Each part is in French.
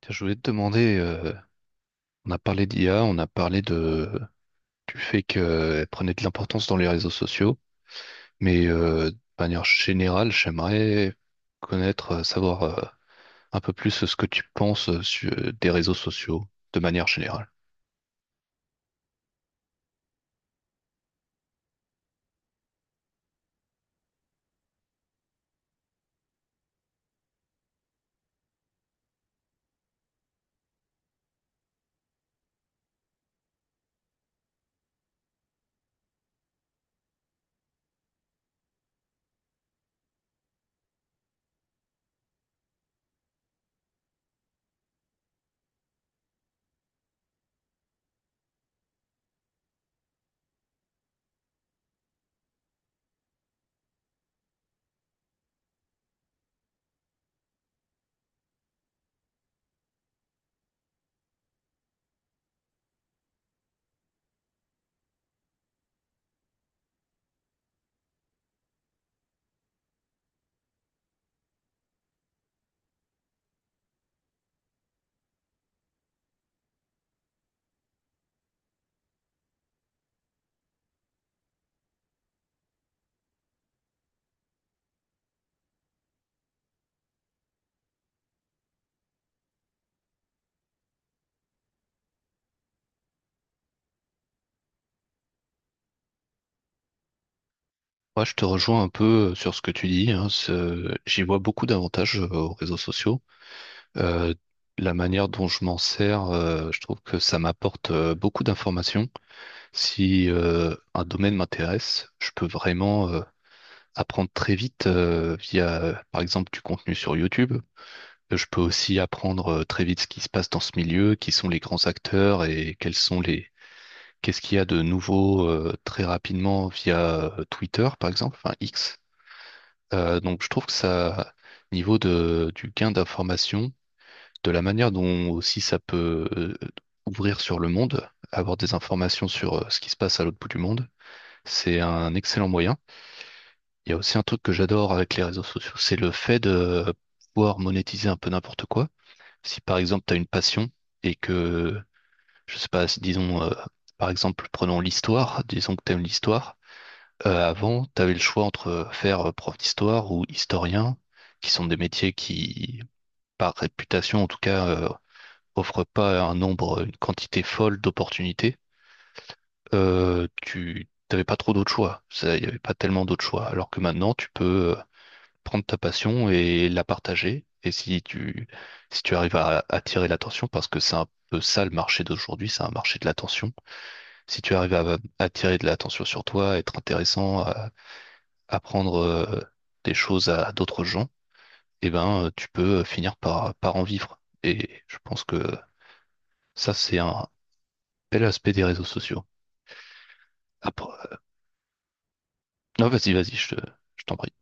Tiens, je voulais te demander, on a parlé d'IA, on a parlé du fait qu'elle prenait de l'importance dans les réseaux sociaux, mais de manière générale, j'aimerais connaître, savoir un peu plus ce que tu penses des réseaux sociaux, de manière générale. Moi, je te rejoins un peu sur ce que tu dis, hein, j'y vois beaucoup d'avantages aux réseaux sociaux. Euh, la manière dont je m'en sers, je trouve que ça m'apporte beaucoup d'informations. Si un domaine m'intéresse, je peux vraiment apprendre très vite via par exemple, du contenu sur YouTube. Je peux aussi apprendre très vite ce qui se passe dans ce milieu, qui sont les grands acteurs et quels sont qu'est-ce qu'il y a de nouveau très rapidement via Twitter, par exemple, enfin X. Donc, je trouve que ça, niveau du gain d'information, de la manière dont aussi ça peut ouvrir sur le monde, avoir des informations sur ce qui se passe à l'autre bout du monde. C'est un excellent moyen. Il y a aussi un truc que j'adore avec les réseaux sociaux, c'est le fait de pouvoir monétiser un peu n'importe quoi. Si par exemple tu as une passion et je sais pas, si, disons, par exemple, prenons l'histoire, disons que tu aimes l'histoire. Avant, tu avais le choix entre faire prof d'histoire ou historien, qui sont des métiers par réputation en tout cas, offrent pas un nombre, une quantité folle d'opportunités. Tu n'avais pas trop d'autres choix. Ça, il n'y avait pas tellement d'autres choix. Alors que maintenant, tu peux prendre ta passion et la partager. Et si tu arrives à attirer l'attention, parce que c'est un peu ça le marché d'aujourd'hui, c'est un marché de l'attention. Si tu arrives à attirer de l'attention sur toi, être intéressant, à apprendre des choses à d'autres gens, eh ben, tu peux finir par en vivre. Et je pense que ça, c'est un bel aspect des réseaux sociaux. Après... Non, vas-y, je t'en prie.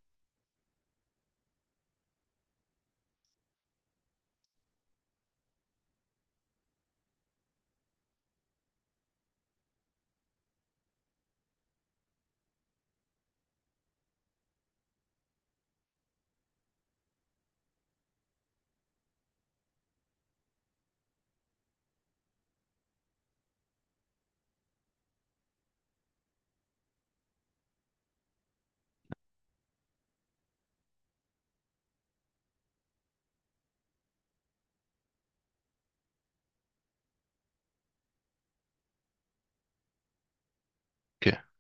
Ok.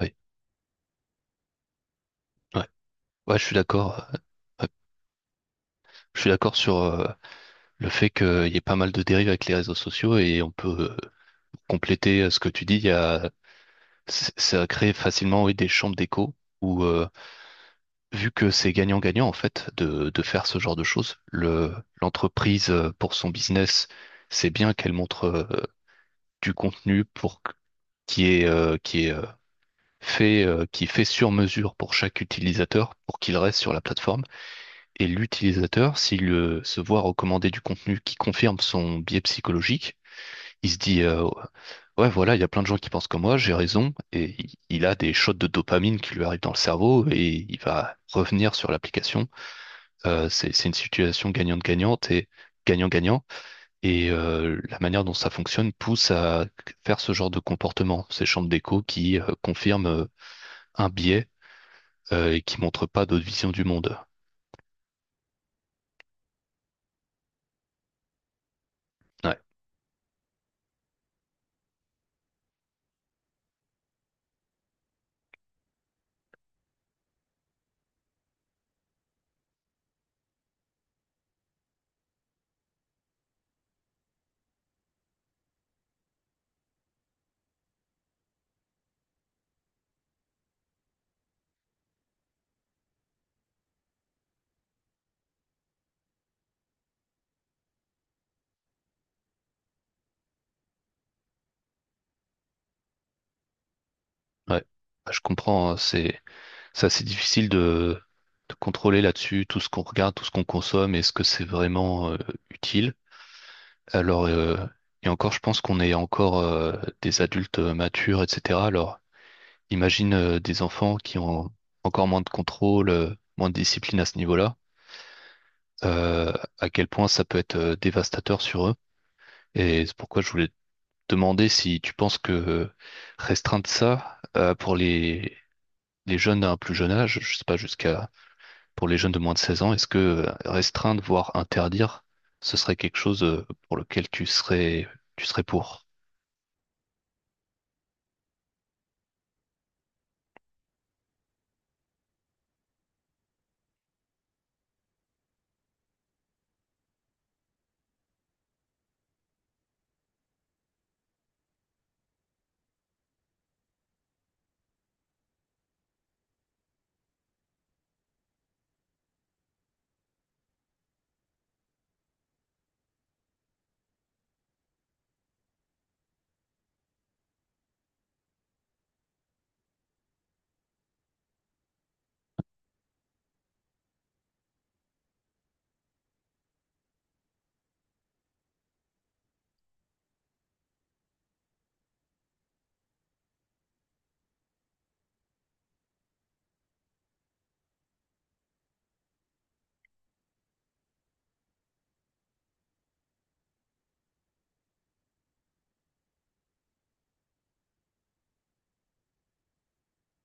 Oui, ouais. Ouais, je suis d'accord. Ouais. Je suis d'accord sur le fait qu'il y ait pas mal de dérives avec les réseaux sociaux et on peut compléter ce que tu dis. Il y a, c- Ça crée facilement, oui, des chambres d'écho où, vu que c'est gagnant-gagnant en fait de faire ce genre de choses, l'entreprise pour son business, c'est bien qu'elle montre du contenu qui est euh, qui est euh, qui est fait sur mesure pour chaque utilisateur pour qu'il reste sur la plateforme. Et l'utilisateur, s'il se voit recommander du contenu qui confirme son biais psychologique, il se dit ouais voilà, il y a plein de gens qui pensent comme moi, j'ai raison, et il a des shots de dopamine qui lui arrivent dans le cerveau et il va revenir sur l'application. C'est une situation gagnante-gagnante et gagnant-gagnant. Et la manière dont ça fonctionne pousse à faire ce genre de comportement, ces chambres d'écho qui confirment un biais et qui montrent pas d'autres visions du monde. Ouais, ouais. Bah, je comprends, hein, c'est... Ça, c'est difficile de contrôler là-dessus tout ce qu'on regarde, tout ce qu'on consomme, est-ce que c'est vraiment utile? Alors, et encore, je pense qu'on est encore des adultes matures, etc. Alors, imagine des enfants qui ont encore moins de contrôle, moins de discipline à ce niveau-là, euh, à quel point ça peut être dévastateur sur eux. Et c'est pourquoi je voulais te demander si tu penses que restreindre ça pour les jeunes à un plus jeune âge, je sais pas, jusqu'à pour les jeunes de moins de 16 ans, est-ce que restreindre, voire interdire, ce serait quelque chose pour lequel tu serais pour?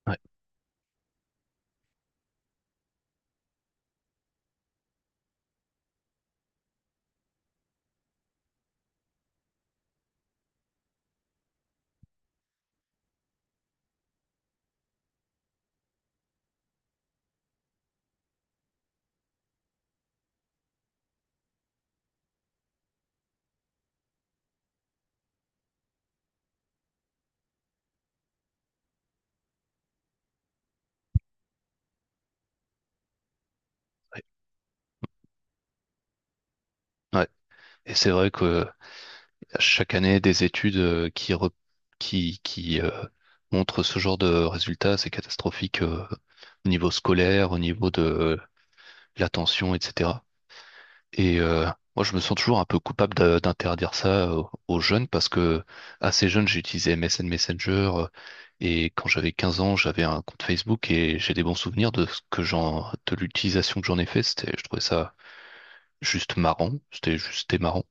Ouais, ouais, ouais. Et c'est vrai que chaque année, des études qui montrent ce genre de résultats, c'est catastrophique au niveau scolaire, au niveau de l'attention, etc. Et moi, je me sens toujours un peu coupable d'interdire ça aux jeunes parce que assez jeune, j'ai utilisé MSN Messenger et quand j'avais 15 ans, j'avais un compte Facebook et j'ai des bons souvenirs de ce que de l'utilisation que j'en ai fait. Je trouvais ça juste marrant. C'était juste marrant.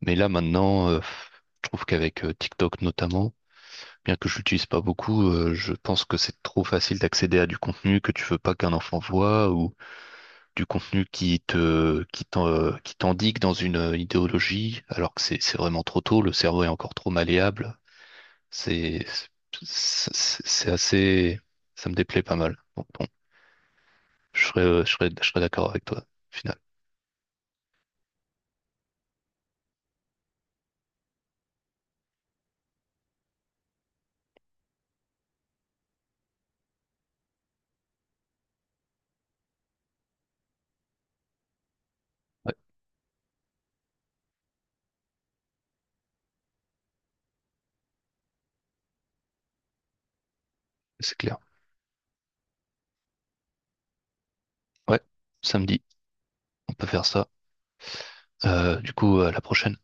Mais là, maintenant, je trouve qu'avec TikTok notamment, bien que je l'utilise pas beaucoup, je pense que c'est trop facile d'accéder à du contenu que tu veux pas qu'un enfant voit ou du contenu qui t'endigue dans une idéologie, alors que c'est vraiment trop tôt, le cerveau est encore trop malléable. C'est, c'est c'est assez, Ça me déplaît pas mal. Donc bon, je serais d'accord avec toi, au final. Ouais, c'est clair. Ouais, samedi, on peut faire ça. Du coup, à la prochaine.